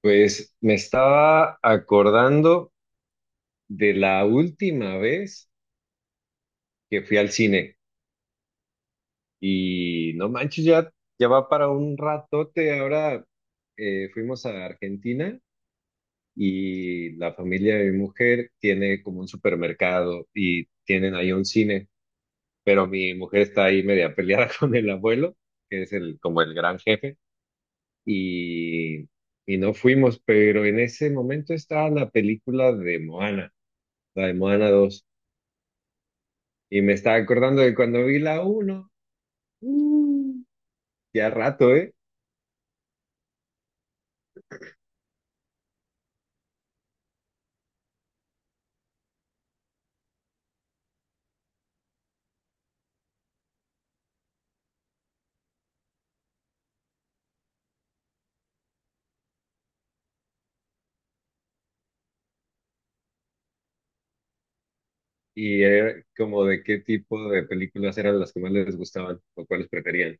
Pues me estaba acordando de la última vez que fui al cine y no manches, ya, ya va para un ratote. Ahora fuimos a Argentina y la familia de mi mujer tiene como un supermercado y tienen ahí un cine, pero mi mujer está ahí media peleada con el abuelo, que es el, como el gran jefe, y, y no fuimos, pero en ese momento estaba la película de Moana, la de Moana dos. Y me estaba acordando de cuando vi la uno, mm, ya rato, ¿eh? Y era como de qué tipo de películas eran las que más les gustaban o cuáles preferían.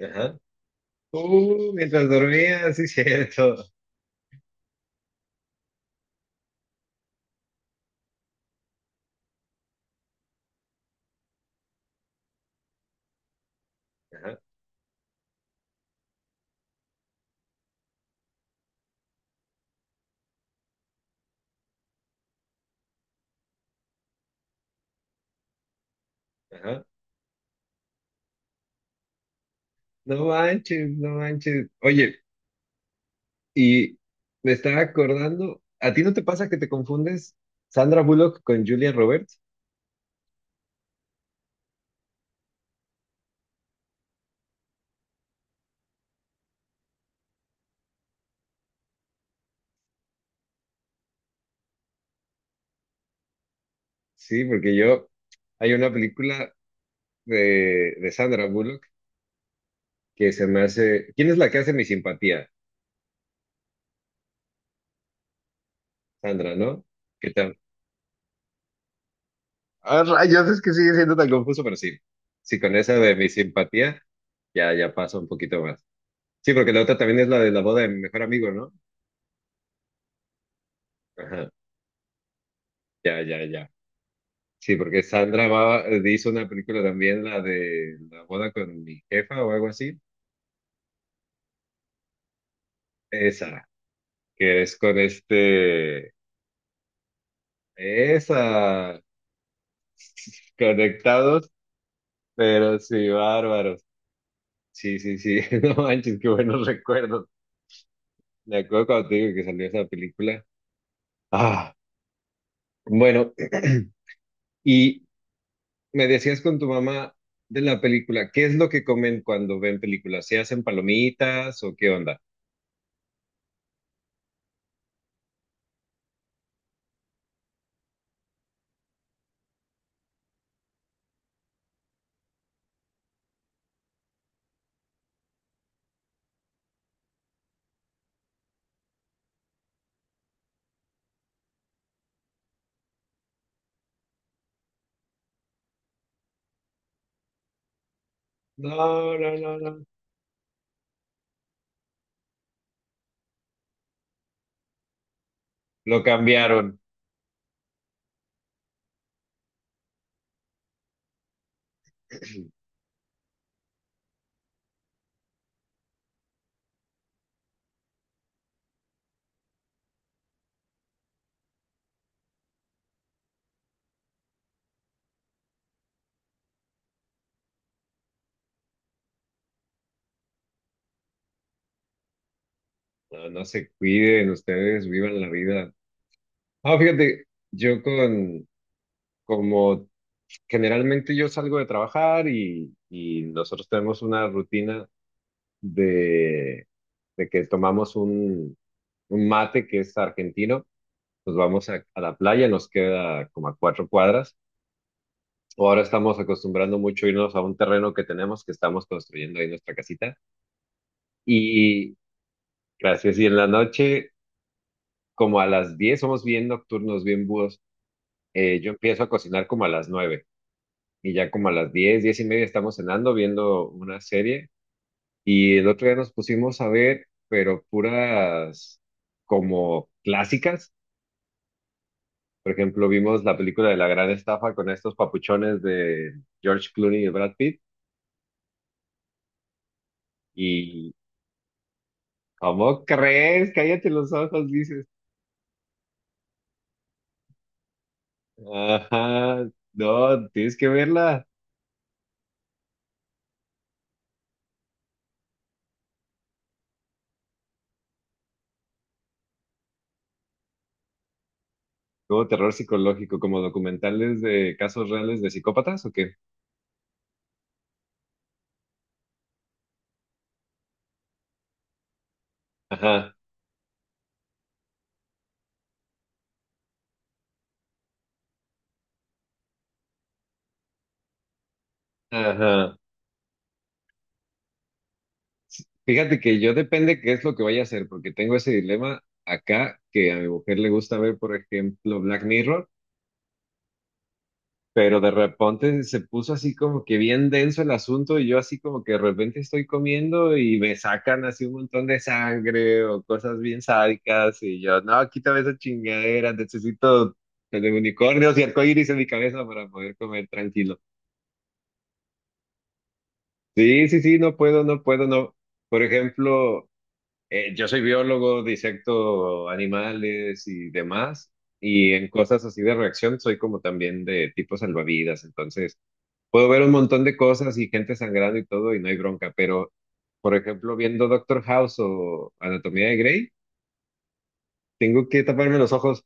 Ajá. Mientras dormía, sí, cierto. Ajá, ajá. No manches, no manches. Oye, y me estaba acordando, ¿a ti no te pasa que te confundes Sandra Bullock con Julia Roberts? Sí, porque yo, hay una película de Sandra Bullock que se me hace, ¿quién es la que hace mi simpatía? Sandra, ¿no? ¿Qué tal? Ah, rayos, es que sigue siendo tan confuso, pero sí. Sí, con esa de mi simpatía, ya, ya pasa un poquito más. Sí, porque la otra también es la de la boda de mi mejor amigo, ¿no? Ajá, ya, ya, ya. Sí, porque Sandra va- hizo una película también, la de la boda con mi jefa o algo así. Esa, que es con este, esa, conectados, pero sí, bárbaros. Sí, sí, sí, no manches, qué buenos recuerdos. Me acuerdo cuando te digo que salió esa película. Ah, bueno, y me decías con tu mamá de la película, ¿qué es lo que comen cuando ven películas? ¿Se hacen palomitas o qué onda? No, no, no, no. Lo cambiaron. No, no se cuiden, ustedes vivan la vida. Ah, fíjate, yo con, como generalmente yo salgo de trabajar y nosotros tenemos una rutina de, de que tomamos un mate que es argentino, nos vamos a la playa, nos queda como a cuatro cuadras. O ahora estamos acostumbrando mucho irnos a un terreno que tenemos, que estamos construyendo ahí nuestra casita. Y gracias. Y en la noche, como a las 10, somos bien nocturnos, bien búhos. Yo empiezo a cocinar como a las 9 y ya como a las 10, 10 y media estamos cenando, viendo una serie. Y el otro día nos pusimos a ver, pero puras como clásicas. Por ejemplo, vimos la película de La Gran Estafa con estos papuchones de George Clooney y Brad Pitt. Y, ¿cómo crees? Cállate los ojos, dices. Ajá, no, tienes que verla. Como terror psicológico, como documentales de casos reales de psicópatas o qué. Ajá, ajá. Fíjate que yo depende qué es lo que vaya a hacer, porque tengo ese dilema acá que a mi mujer le gusta ver, por ejemplo, Black Mirror. Pero de repente se puso así como que bien denso el asunto y yo así como que de repente estoy comiendo y me sacan así un montón de sangre o cosas bien sádicas y yo, no, quítame esa chingadera, necesito el de unicornios y arcoíris en mi cabeza para poder comer tranquilo. Sí, sí, sí, no puedo, no puedo, no. Por ejemplo, yo soy biólogo, disecto animales y demás. Y en cosas así de reacción soy como también de tipo salvavidas, entonces puedo ver un montón de cosas y gente sangrando y todo y no hay bronca, pero, por ejemplo, viendo Doctor House o Anatomía de Grey, tengo que taparme los ojos.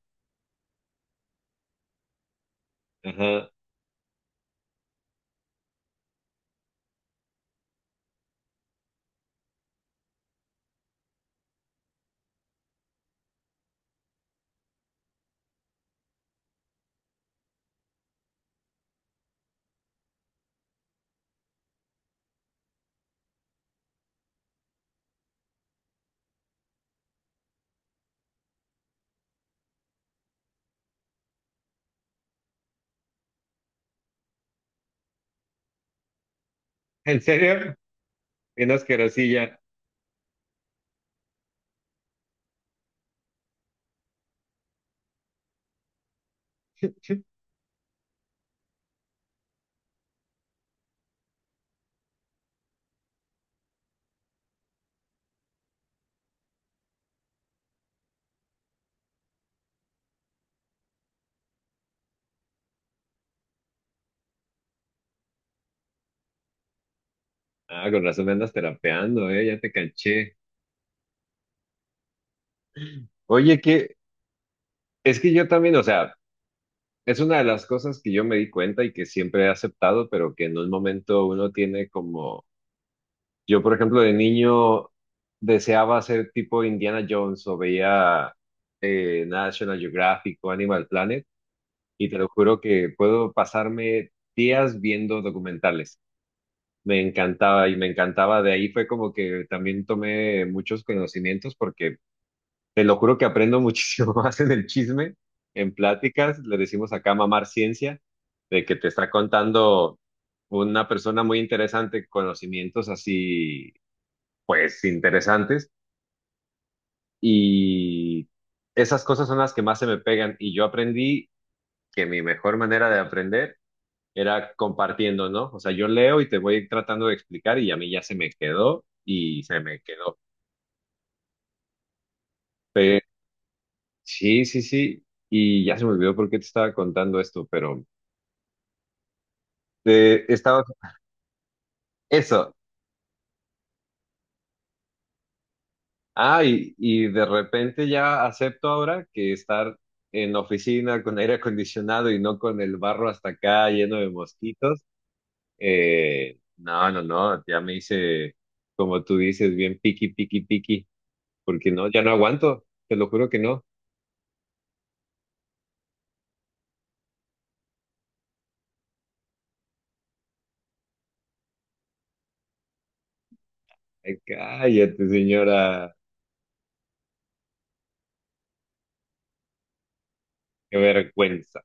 Ajá. ¿En serio? Bien asquerosilla. Ah, con razón me andas terapeando, ya te canché. Oye, que es que yo también, o sea, es una de las cosas que yo me di cuenta y que siempre he aceptado, pero que en un momento uno tiene como. Yo, por ejemplo, de niño deseaba ser tipo Indiana Jones o veía National Geographic o Animal Planet y te lo juro que puedo pasarme días viendo documentales. Me encantaba y me encantaba. De ahí fue como que también tomé muchos conocimientos porque te lo juro que aprendo muchísimo más en el chisme, en pláticas. Le decimos acá mamar ciencia, de que te está contando una persona muy interesante, conocimientos así pues interesantes, y esas cosas son las que más se me pegan y yo aprendí que mi mejor manera de aprender era compartiendo, ¿no? O sea, yo leo y te voy tratando de explicar y a mí ya se me quedó y se me quedó. Pero, sí, sí, sí. Y ya se me olvidó por qué te estaba contando esto, pero estaba eso. Ah, y de repente ya acepto ahora que estar en oficina con aire acondicionado y no con el barro hasta acá lleno de mosquitos. No, no, no, ya me hice, como tú dices, bien piqui, piqui, piqui, porque no, ya no aguanto, te lo juro que no. Ay, cállate, señora, qué vergüenza.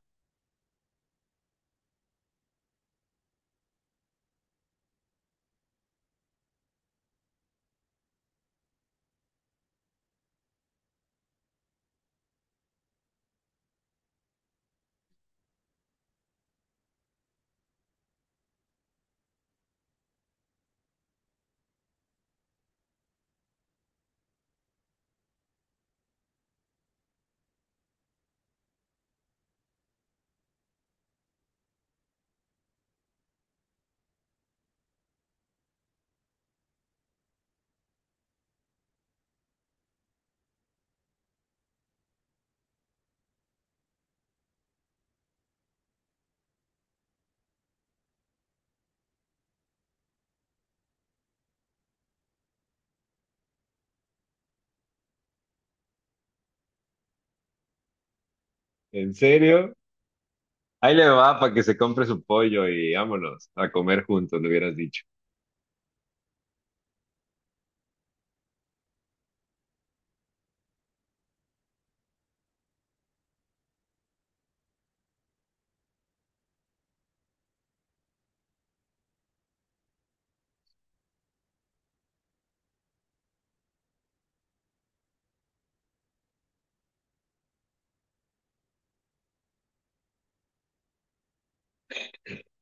¿En serio? Ahí le va para que se compre su pollo y vámonos a comer juntos, le hubieras dicho.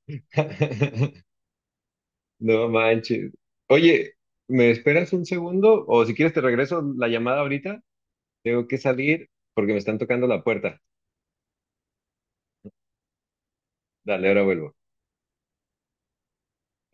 No manches. Oye, ¿me esperas un segundo? O si quieres te regreso la llamada ahorita. Tengo que salir porque me están tocando la puerta. Dale, ahora vuelvo.